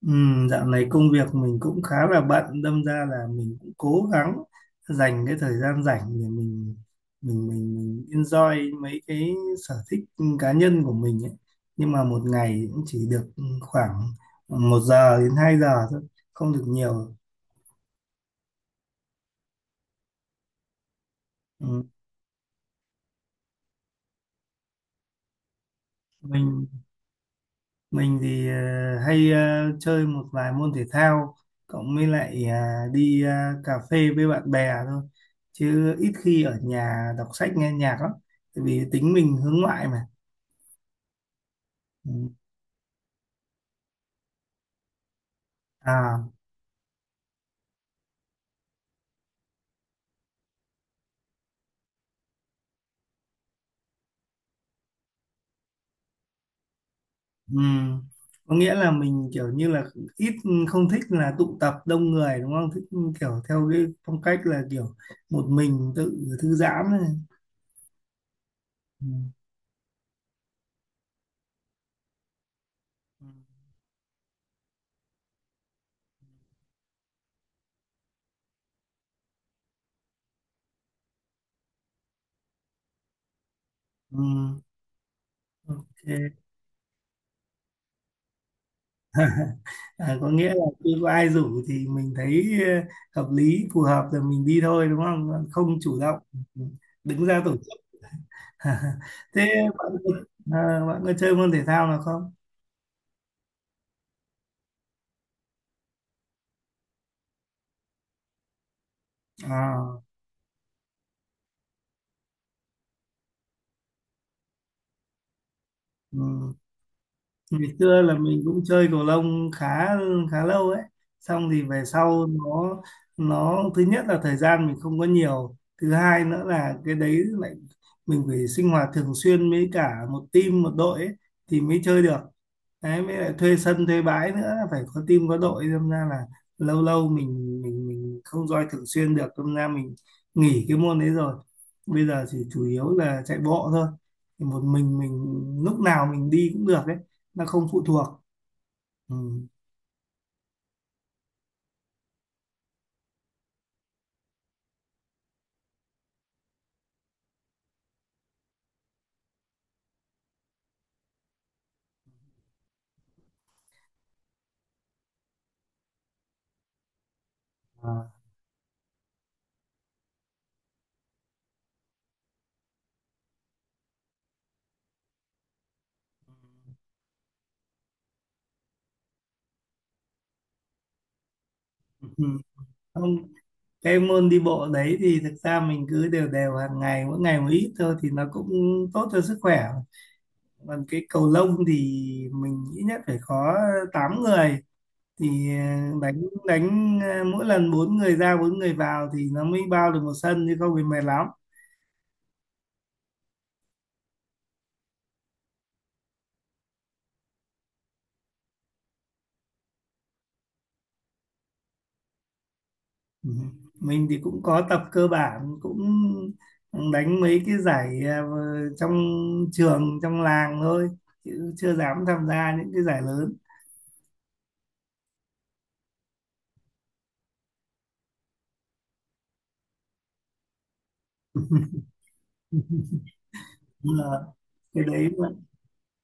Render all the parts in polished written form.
Ừ, dạo này công việc mình cũng khá là bận, đâm ra là mình cũng cố gắng dành cái thời gian rảnh để mình enjoy mấy cái sở thích cá nhân của mình ấy. Nhưng mà một ngày cũng chỉ được khoảng 1 giờ đến 2 giờ thôi, không được nhiều. Ừ, mình Mình thì hay chơi một vài môn thể thao, cộng với lại đi cà phê với bạn bè thôi, chứ ít khi ở nhà đọc sách nghe nhạc lắm, tại vì tính mình hướng ngoại mà. Ừ. à ừm. Có nghĩa là mình kiểu như là ít, không thích là tụ tập đông người đúng không, thích kiểu theo cái phong cách là kiểu một mình tự thư giãn này. Ừ. Ừ. Ừ, ok. À, có nghĩa là khi có ai rủ thì mình thấy hợp lý, phù hợp rồi mình đi thôi đúng không? Ờ, không chủ động đứng ra tổ chức. Thế bạn bạn có chơi môn thể thao nào không? À, ừ. Ngày xưa là mình cũng chơi cầu lông khá khá lâu ấy. Xong thì về sau, nó thứ nhất là thời gian mình không có nhiều, thứ hai nữa là cái đấy lại mình phải sinh hoạt thường xuyên với cả một team, một đội ấy, thì mới chơi được. Đấy, với lại thuê sân thuê bãi nữa, phải có team có đội, đâm ra là lâu lâu mình không roi thường xuyên được, đâm ra mình nghỉ cái môn đấy rồi. Bây giờ thì chủ yếu là chạy bộ thôi, thì một mình lúc nào mình đi cũng được đấy, nó không phụ thuộc. Ừ. À, Ừ. Không, cái môn đi bộ đấy thì thực ra mình cứ đều đều hàng ngày, mỗi ngày một ít thôi, thì nó cũng tốt cho sức khỏe. Còn cái cầu lông thì mình nghĩ nhất phải có 8 người thì ờ, đánh đánh ờ, mỗi lần bốn người ra bốn người vào thì nó mới bao được một sân, chứ không thì mệt lắm. Ừ. Mình thì cũng có tập cơ bản, cũng đánh mấy cái giải trong trường trong làng thôi, chứ chưa dám tham gia những cái giải lớn. Ờ, cái đấy mà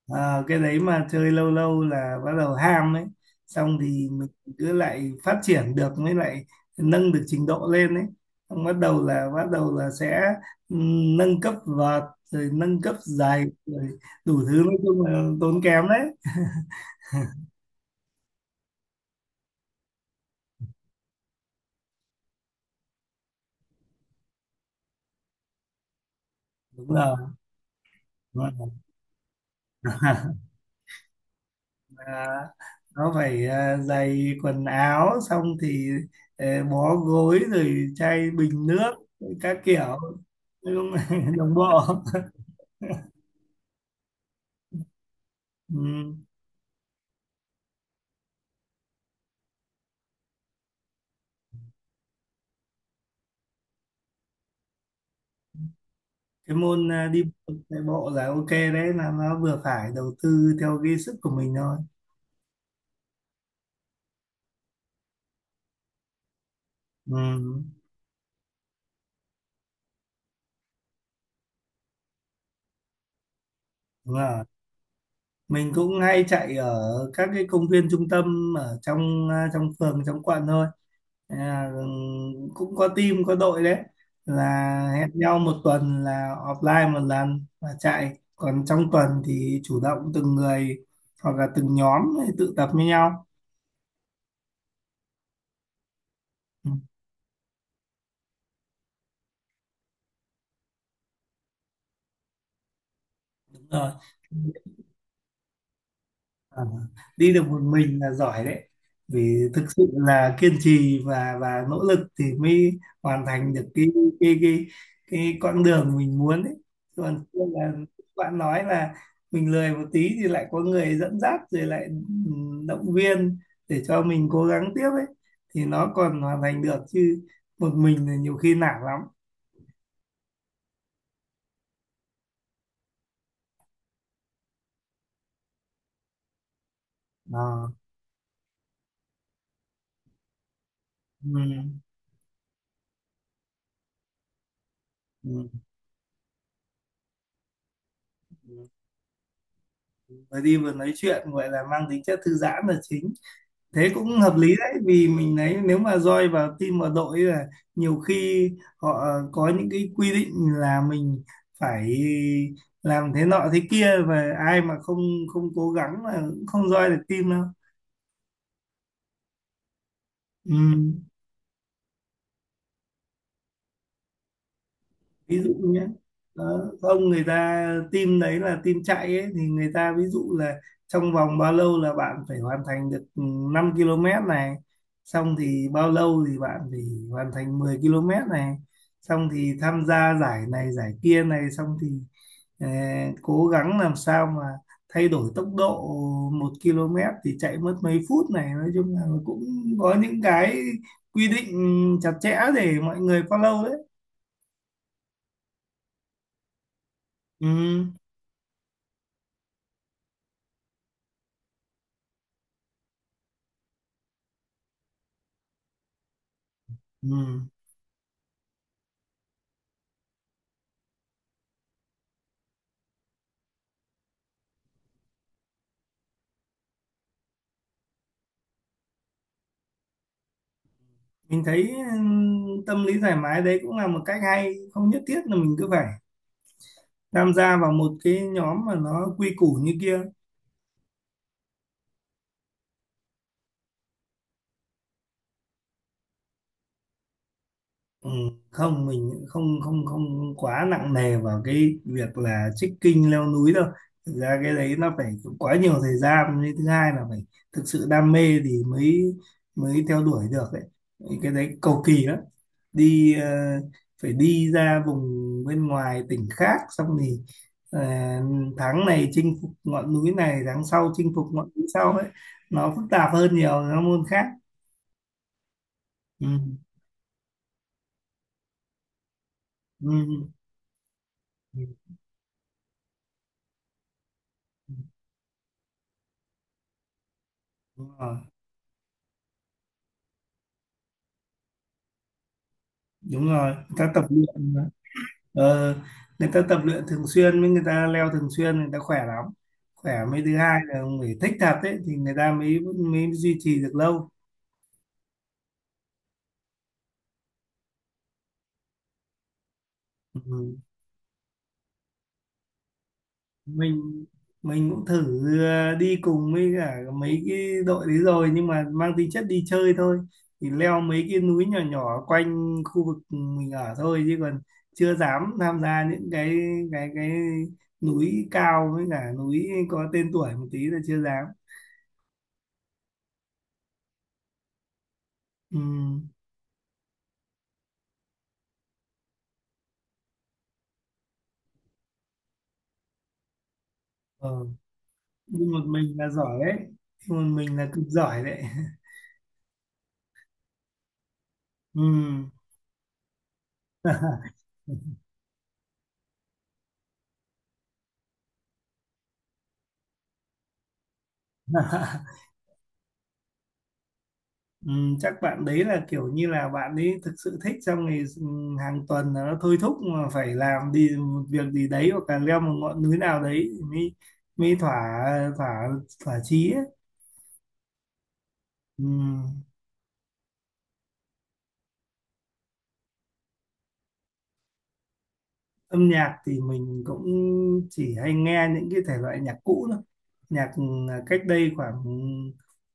cái đấy mà chơi lâu lâu là bắt đầu ham ấy, xong thì mình cứ lại phát triển được, mới lại nâng được trình độ lên ấy, xong bắt đầu là sẽ nâng cấp vợt rồi nâng cấp giày rồi đủ thứ, nói chung là tốn kém đấy. Đúng rồi. Đúng rồi. à, nó phải, giày quần áo, xong thì ờ, bó gối rồi chai bình nước các kiểu. Nói chung là đồng bộ. Ừ. Cái môn đi bộ, chạy bộ là ok đấy, là nó vừa phải đầu tư theo cái sức của mình thôi. Ừ, đúng rồi. Mình cũng hay chạy ở các cái công viên trung tâm, ở trong trong phường trong quận thôi, à, cũng có team có đội đấy, là hẹn nhau một tuần là offline một lần và chạy, còn trong tuần thì chủ động từng người hoặc là từng nhóm tự tập với nhau. Ừ, đúng rồi. Ờ, đi được một mình là giỏi đấy, vì thực sự là kiên trì và nỗ lực thì mới hoàn thành được cái cái cái con đường mình muốn ấy. Còn kia là bạn nói là mình lười một tí thì lại có người dẫn dắt rồi lại động viên để cho mình cố gắng tiếp ấy, thì nó còn hoàn thành được, chứ một mình là nhiều khi nản lắm. Ờ, ừm, ừm. Vừa đi vừa nói chuyện gọi là mang tính chất thư giãn là chính, thế cũng hợp lý đấy, vì mình thấy nếu mà roi vào team vào đội là nhiều khi họ có những cái quy định là mình phải làm thế nọ thế kia, và ai mà không không cố gắng là cũng không roi được team đâu. Ừ. Ví dụ nhé, đó, ông người ta team đấy là team chạy ấy, thì người ta ví dụ là trong vòng bao lâu là bạn phải hoàn thành được 5 km này, xong thì bao lâu thì bạn phải hoàn thành 10 km này, xong thì tham gia giải này giải kia này, xong thì ờ, cố gắng làm sao mà thay đổi tốc độ 1 km thì chạy mất mấy phút này, nói chung là cũng có những cái quy định chặt chẽ để mọi người follow đấy. Ừ. Ừ. Mình thấy tâm lý thoải mái đấy cũng là một cách hay, không nhất thiết là mình cứ phải tham gia vào một cái nhóm mà nó quy củ như kia. Ừ, không, mình không không không quá nặng nề vào cái việc là trekking leo núi đâu. Thực ra cái đấy nó phải quá nhiều thời gian, với thứ hai là phải thực sự đam mê thì mới mới theo đuổi được đấy. Cái đấy cầu kỳ lắm, đi ờ, phải đi ra vùng bên ngoài tỉnh khác, xong thì ờ, tháng này chinh phục ngọn núi này, tháng sau chinh phục ngọn núi sau ấy, nó phức tạp hơn nhiều, nó môn khác. Ừ. Ừ. Ừ. Ừ, ừ. Đúng rồi. Đúng rồi, người ta tập luyện mà. ờ, Người ta tập luyện thường xuyên với người ta leo thường xuyên, người ta khỏe lắm. Khỏe, mới thứ hai là ông phải thích thật ấy thì người ta mới mới duy trì được lâu. Ừ. Ừ. mình mình cũng thử đi cùng với cả mấy cái đội đấy rồi, nhưng mà mang tính chất đi chơi thôi, thì leo mấy cái núi nhỏ nhỏ quanh khu vực mình ở thôi, chứ còn chưa dám tham gia những cái núi cao với cả núi có tên tuổi một tí là chưa dám. Ừ. Ờ. Đi một mình là giỏi đấy, đi một mình là cực giỏi đấy. Ừ. Ừ, chắc bạn đấy là kiểu như là bạn ấy thực sự thích, trong ngày hàng tuần là nó thôi thúc mà phải làm đi một việc gì đấy, hoặc là leo một ngọn núi nào đấy thì mới mới thỏa thỏa thỏa chí ấy. Ừ. Âm nhạc thì mình cũng chỉ hay nghe những cái thể loại nhạc cũ thôi, nhạc cách đây khoảng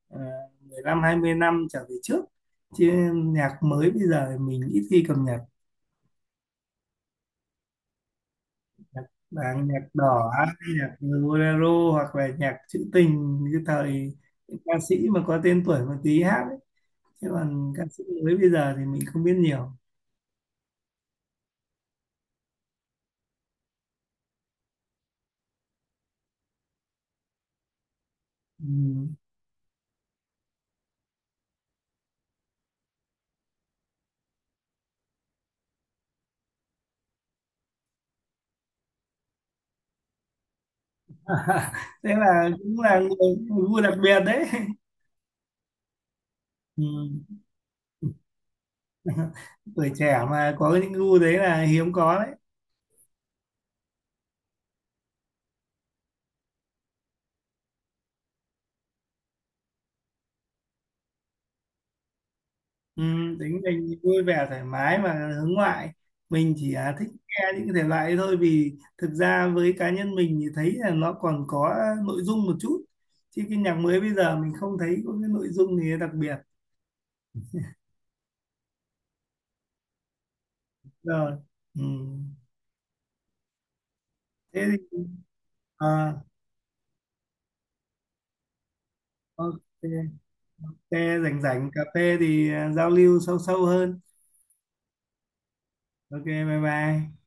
à, 10 20 năm trở về trước, chứ nhạc mới bây giờ thì mình ít khi cập nhật, nhạc vàng nhạc đỏ hay nhạc bolero hoặc là nhạc trữ tình như thời những ca sĩ mà có tên tuổi một tí hát ấy. Chứ còn ca sĩ mới bây giờ thì mình không biết nhiều. Ừ. Thế là cũng là người gu đặc biệt đấy. Ừ. Tuổi trẻ mà có những gu đấy là hiếm có. Ừ, tính mình thì vui vẻ thoải mái mà, hướng ngoại, mình chỉ thích nghe những cái thể loại ấy thôi, vì thực ra với cá nhân mình thì thấy là nó còn có nội dung một chút, chứ cái nhạc mới bây giờ mình không thấy có cái nội dung gì đặc biệt. Rồi. Ừ. Thế thì à, ok. Thế rảnh rảnh cà phê thì giao lưu sâu sâu hơn. Ok, bye bye.